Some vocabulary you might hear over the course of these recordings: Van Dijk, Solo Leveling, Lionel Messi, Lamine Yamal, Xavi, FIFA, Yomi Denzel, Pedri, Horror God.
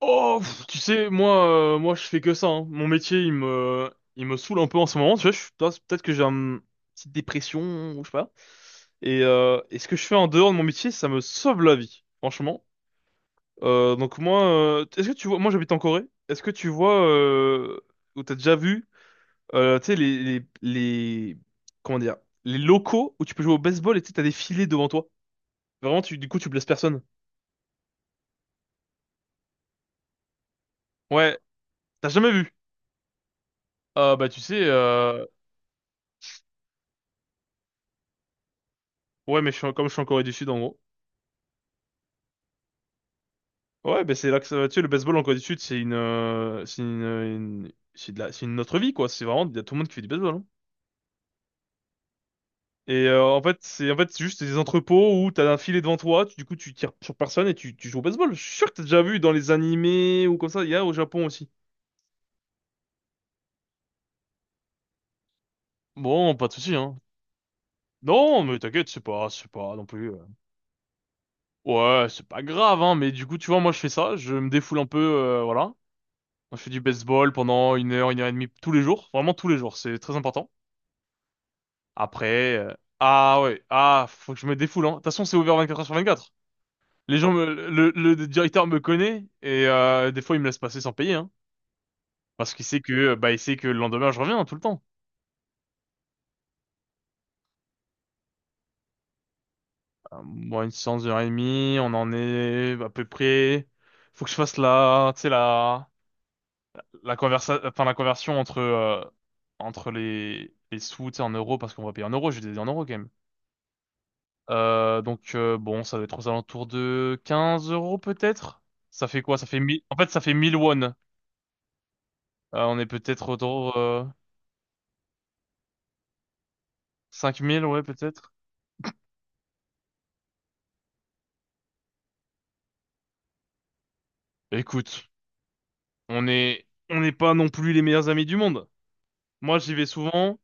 Oh, pff, tu sais, moi, je fais que ça, hein. Mon métier, il me saoule un peu en ce moment. Tu vois, peut-être que j'ai une petite dépression ou je sais pas. Et ce que je fais en dehors de mon métier, ça me sauve la vie, franchement. Donc moi, est-ce que tu vois, moi j'habite en Corée. Est-ce que tu vois ou t'as déjà vu, tu sais les comment dire, les locaux où tu peux jouer au baseball et tu sais, t'as des filets devant toi. Vraiment, du coup, tu blesses personne. Ouais, t'as jamais vu. Bah tu sais, ouais, mais comme je suis en Corée du Sud, en gros. Ouais, ben c'est là que ça va. Tu sais, le baseball en Corée du Sud, c'est une autre vie, quoi. C'est vraiment, il y a tout le monde qui fait du baseball, hein. En fait, c'est juste des entrepôts où t'as un filet devant toi, du coup tu tires sur personne et tu joues au baseball. Je suis sûr que t'as déjà vu dans les animés ou comme ça, il y a au Japon aussi. Bon, pas de souci, hein. Non, mais t'inquiète, c'est pas non plus. Ouais, c'est pas grave, hein. Mais du coup, tu vois, moi je fais ça, je me défoule un peu, voilà. Je fais du baseball pendant 1 heure, 1 heure et demie tous les jours, vraiment tous les jours, c'est très important. Après, ah ouais, ah, faut que je me défoule, hein. De toute façon, c'est ouvert 24 heures sur 24. Le directeur me connaît et des fois, il me laisse passer sans payer, hein. Parce qu'il sait que, bah, il sait que le lendemain, je reviens hein, tout le temps. Moi, une séance d'heure et demie, on en est à peu près. Faut que je fasse la, tu sais, enfin, la conversion entre les sous, tu sais, en euros, parce qu'on va payer en euros, je les ai dit en euros quand même. Donc bon, ça doit être aux alentours de 15 € peut-être. Ça fait quoi? Ça fait 1 000. En fait, ça fait 1 000 won. On est peut-être autour 5 000, ouais peut-être. Écoute, on n'est pas non plus les meilleurs amis du monde. Moi, j'y vais souvent.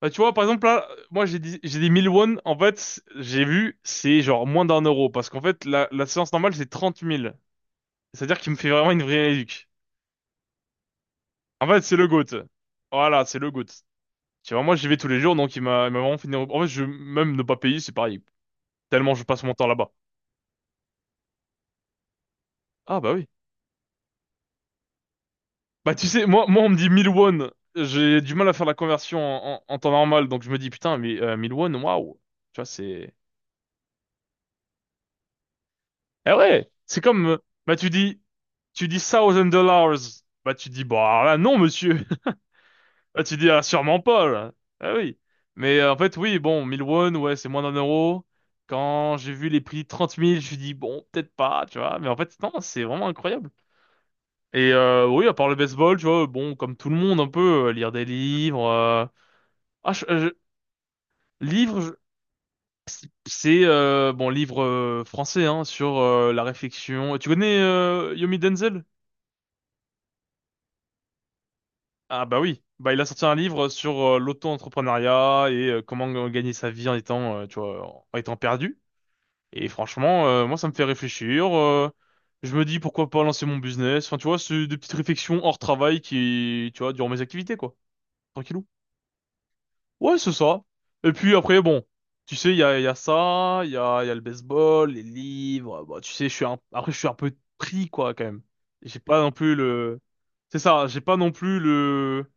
Bah, tu vois, par exemple là, moi j'ai dit 1 000 won. En fait, j'ai vu, c'est genre moins d'un euro parce qu'en fait la séance normale c'est 30 000. C'est-à-dire qu'il me fait vraiment une vraie éduque. En fait, c'est le GOAT. Voilà, c'est le GOAT. Tu vois, moi, j'y vais tous les jours, donc il m'a vraiment fini. En fait, même ne pas payer, c'est pareil. Tellement je passe mon temps là-bas. Ah, bah oui. Bah, tu sais, moi, on me dit 1 000 won. J'ai du mal à faire la conversion en temps normal, donc je me dis, putain, mais 1 000 won, waouh. Tu vois, c'est. Eh ouais, c'est comme. Bah, tu dis. Tu dis one thousand dollars. Bah, tu dis, bah, là, non, monsieur. Ah, tu dis, ah, sûrement pas, là. Ah oui. Mais en fait, oui, bon, 1 000 won, ouais, c'est moins d'un euro. Quand j'ai vu les prix 30 000, je me suis dit, bon, peut-être pas, tu vois. Mais en fait, non, c'est vraiment incroyable. Oui, à part le baseball, tu vois, bon, comme tout le monde, un peu, lire des livres. Ah, je- euh, je- livres, je- c'est bon, livre français, hein, sur la réflexion. Tu connais Yomi Denzel? Ah bah oui, bah il a sorti un livre sur l'auto-entrepreneuriat et comment gagner sa vie en étant, tu vois, en étant perdu. Et franchement, moi, ça me fait réfléchir. Je me dis pourquoi pas lancer mon business. Enfin, tu vois, c'est des petites réflexions hors travail qui, tu vois, durant mes activités, quoi. Tranquillou. Ouais, c'est ça. Et puis après, bon, tu sais, il y a, ça, il y a, le baseball, les livres. Bah, tu sais, après, je suis un peu pris, quoi, quand même. J'ai pas non plus le. C'est ça, j'ai pas non plus le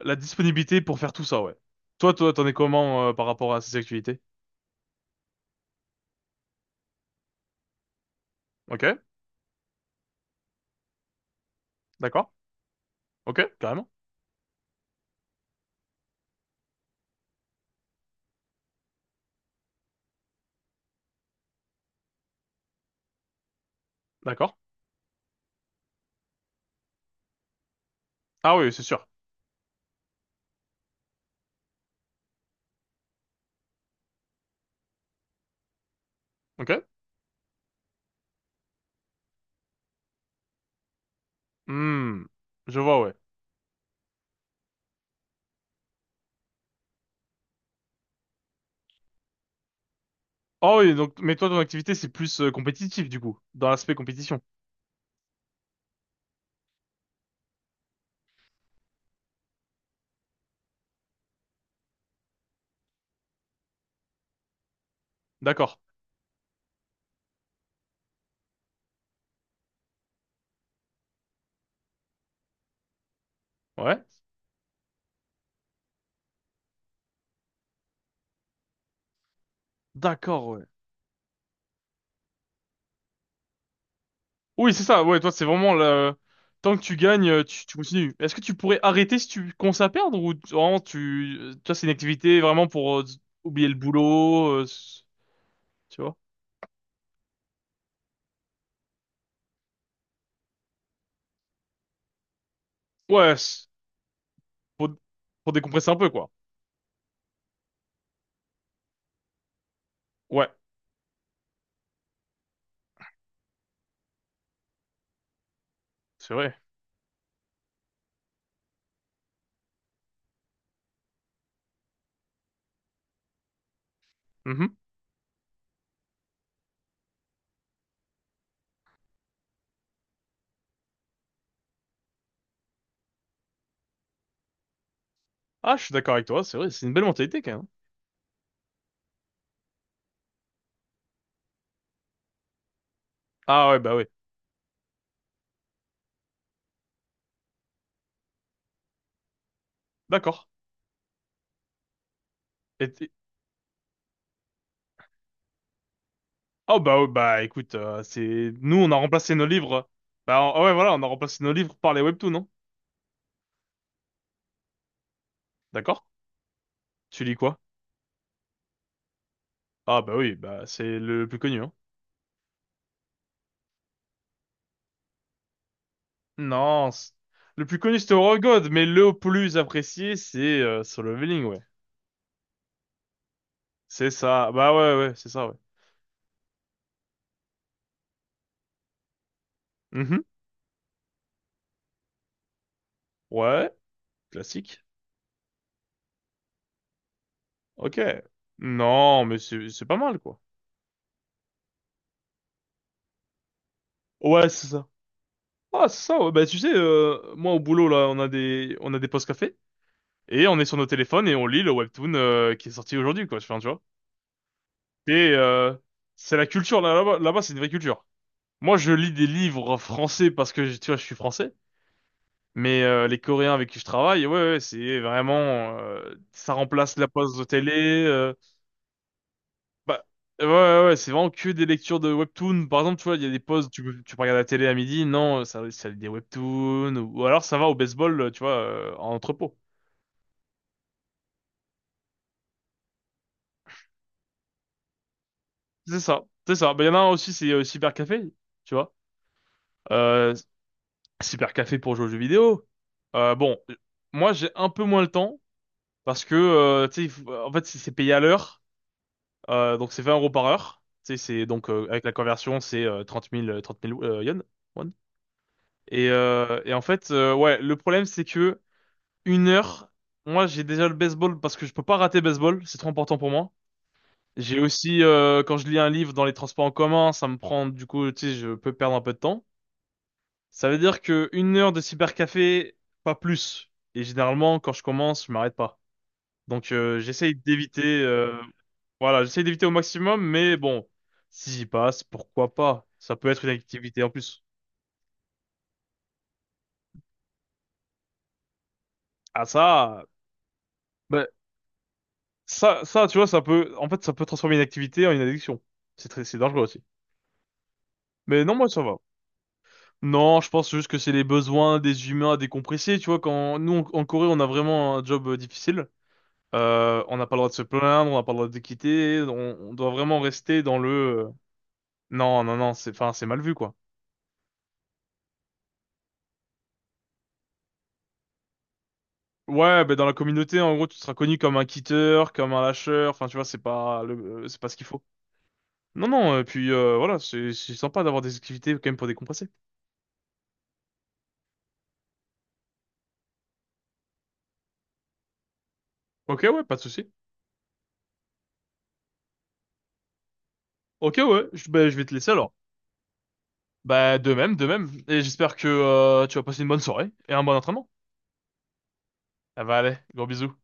la disponibilité pour faire tout ça, ouais. Toi, t'en es comment par rapport à ces activités? Ok, d'accord. Ok, carrément. D'accord. Ah oui, c'est sûr. Ok. Hmm, je vois, ouais. Oh oui, donc, mais toi, ton activité, c'est plus compétitif, du coup, dans l'aspect compétition. D'accord. Ouais. D'accord, ouais. Oui, c'est ça, ouais, toi, c'est vraiment le. Tant que tu gagnes, tu continues. Est-ce que tu pourrais arrêter si tu commences à perdre ou vraiment toi, c'est une activité vraiment pour oublier le boulot, tu vois? Ouais, pour, pour décompresser un peu, quoi. Ouais, c'est vrai. Mhm. Ah, je suis d'accord avec toi, c'est vrai, c'est une belle mentalité, quand même. Ah ouais, bah ouais. D'accord. Et, oh bah ouais, bah écoute, c'est nous on a remplacé nos livres. Ah ouais voilà, on a remplacé nos livres par les webtoons, non? D'accord? Tu lis quoi? Ah bah oui, bah c'est le plus connu, hein. Non, le plus connu c'était Horror God, mais le plus apprécié c'est Solo Leveling, ouais. C'est ça. Bah ouais ouais, c'est ça ouais. Mhm. Ouais, classique. Ok. Non, mais c'est pas mal quoi. Ouais, c'est ça. Ah, c'est ça, ouais. Bah tu sais, moi au boulot là, on a des pauses café. Et on est sur nos téléphones et on lit le webtoon qui est sorti aujourd'hui, quoi. Enfin, tu vois. Et euh, c'est la culture là, là-bas, c'est une vraie culture. Moi, je lis des livres français parce que, tu vois, je suis français. Mais les Coréens avec qui je travaille, ouais, ouais, c'est vraiment, ça remplace la pause de télé. euh, Bah, ouais, ouais, ouais, ouais, c'est vraiment que des lectures de webtoon. Par exemple, tu vois, il y a des pauses, tu peux regarder la télé à midi. Non, ça lit des webtoons. Ou alors, ça va au baseball, tu vois, en entrepôt. C'est ça, c'est ça. Bah, il y en a un aussi, c'est Cybercafé, tu vois. Euh, Super café pour jouer aux jeux vidéo. Bon, moi j'ai un peu moins le temps parce que tu sais, en fait c'est payé à l'heure, donc c'est 20 € par heure. Tu sais, c'est donc avec la conversion c'est 30 000 30 000 yens, won. Et en fait ouais le problème c'est que une heure, moi j'ai déjà le baseball parce que je peux pas rater baseball, c'est trop important pour moi. J'ai aussi quand je lis un livre dans les transports en commun, ça me prend du coup tu sais je peux perdre un peu de temps. Ça veut dire que 1 heure de cybercafé, pas plus. Et généralement, quand je commence, je m'arrête pas. Donc, j'essaye d'éviter, voilà, j'essaye d'éviter au maximum, mais bon, si j'y passe, pourquoi pas? Ça peut être une activité en plus. Ah ça, ben, ça, tu vois, en fait, ça peut transformer une activité en une addiction. C'est dangereux aussi. Mais non, moi ça va. Non, je pense juste que c'est les besoins des humains à décompresser. Tu vois, quand nous en Corée, on a vraiment un job difficile. On n'a pas le droit de se plaindre, on n'a pas le droit de quitter, on doit vraiment rester dans le. Non, non, non, c'est, enfin, c'est mal vu, quoi. Ouais, ben dans la communauté, en gros, tu seras connu comme un quitteur, comme un lâcheur, enfin, tu vois, c'est pas ce qu'il faut. Non, non, et puis, voilà, c'est sympa d'avoir des activités quand même pour décompresser. Ok, ouais, pas de souci. Ok, ouais, ben, je vais te laisser alors. Bah, de même, de même. Et j'espère que tu vas passer une bonne soirée et un bon entraînement. Ah bah, allez, gros bisous.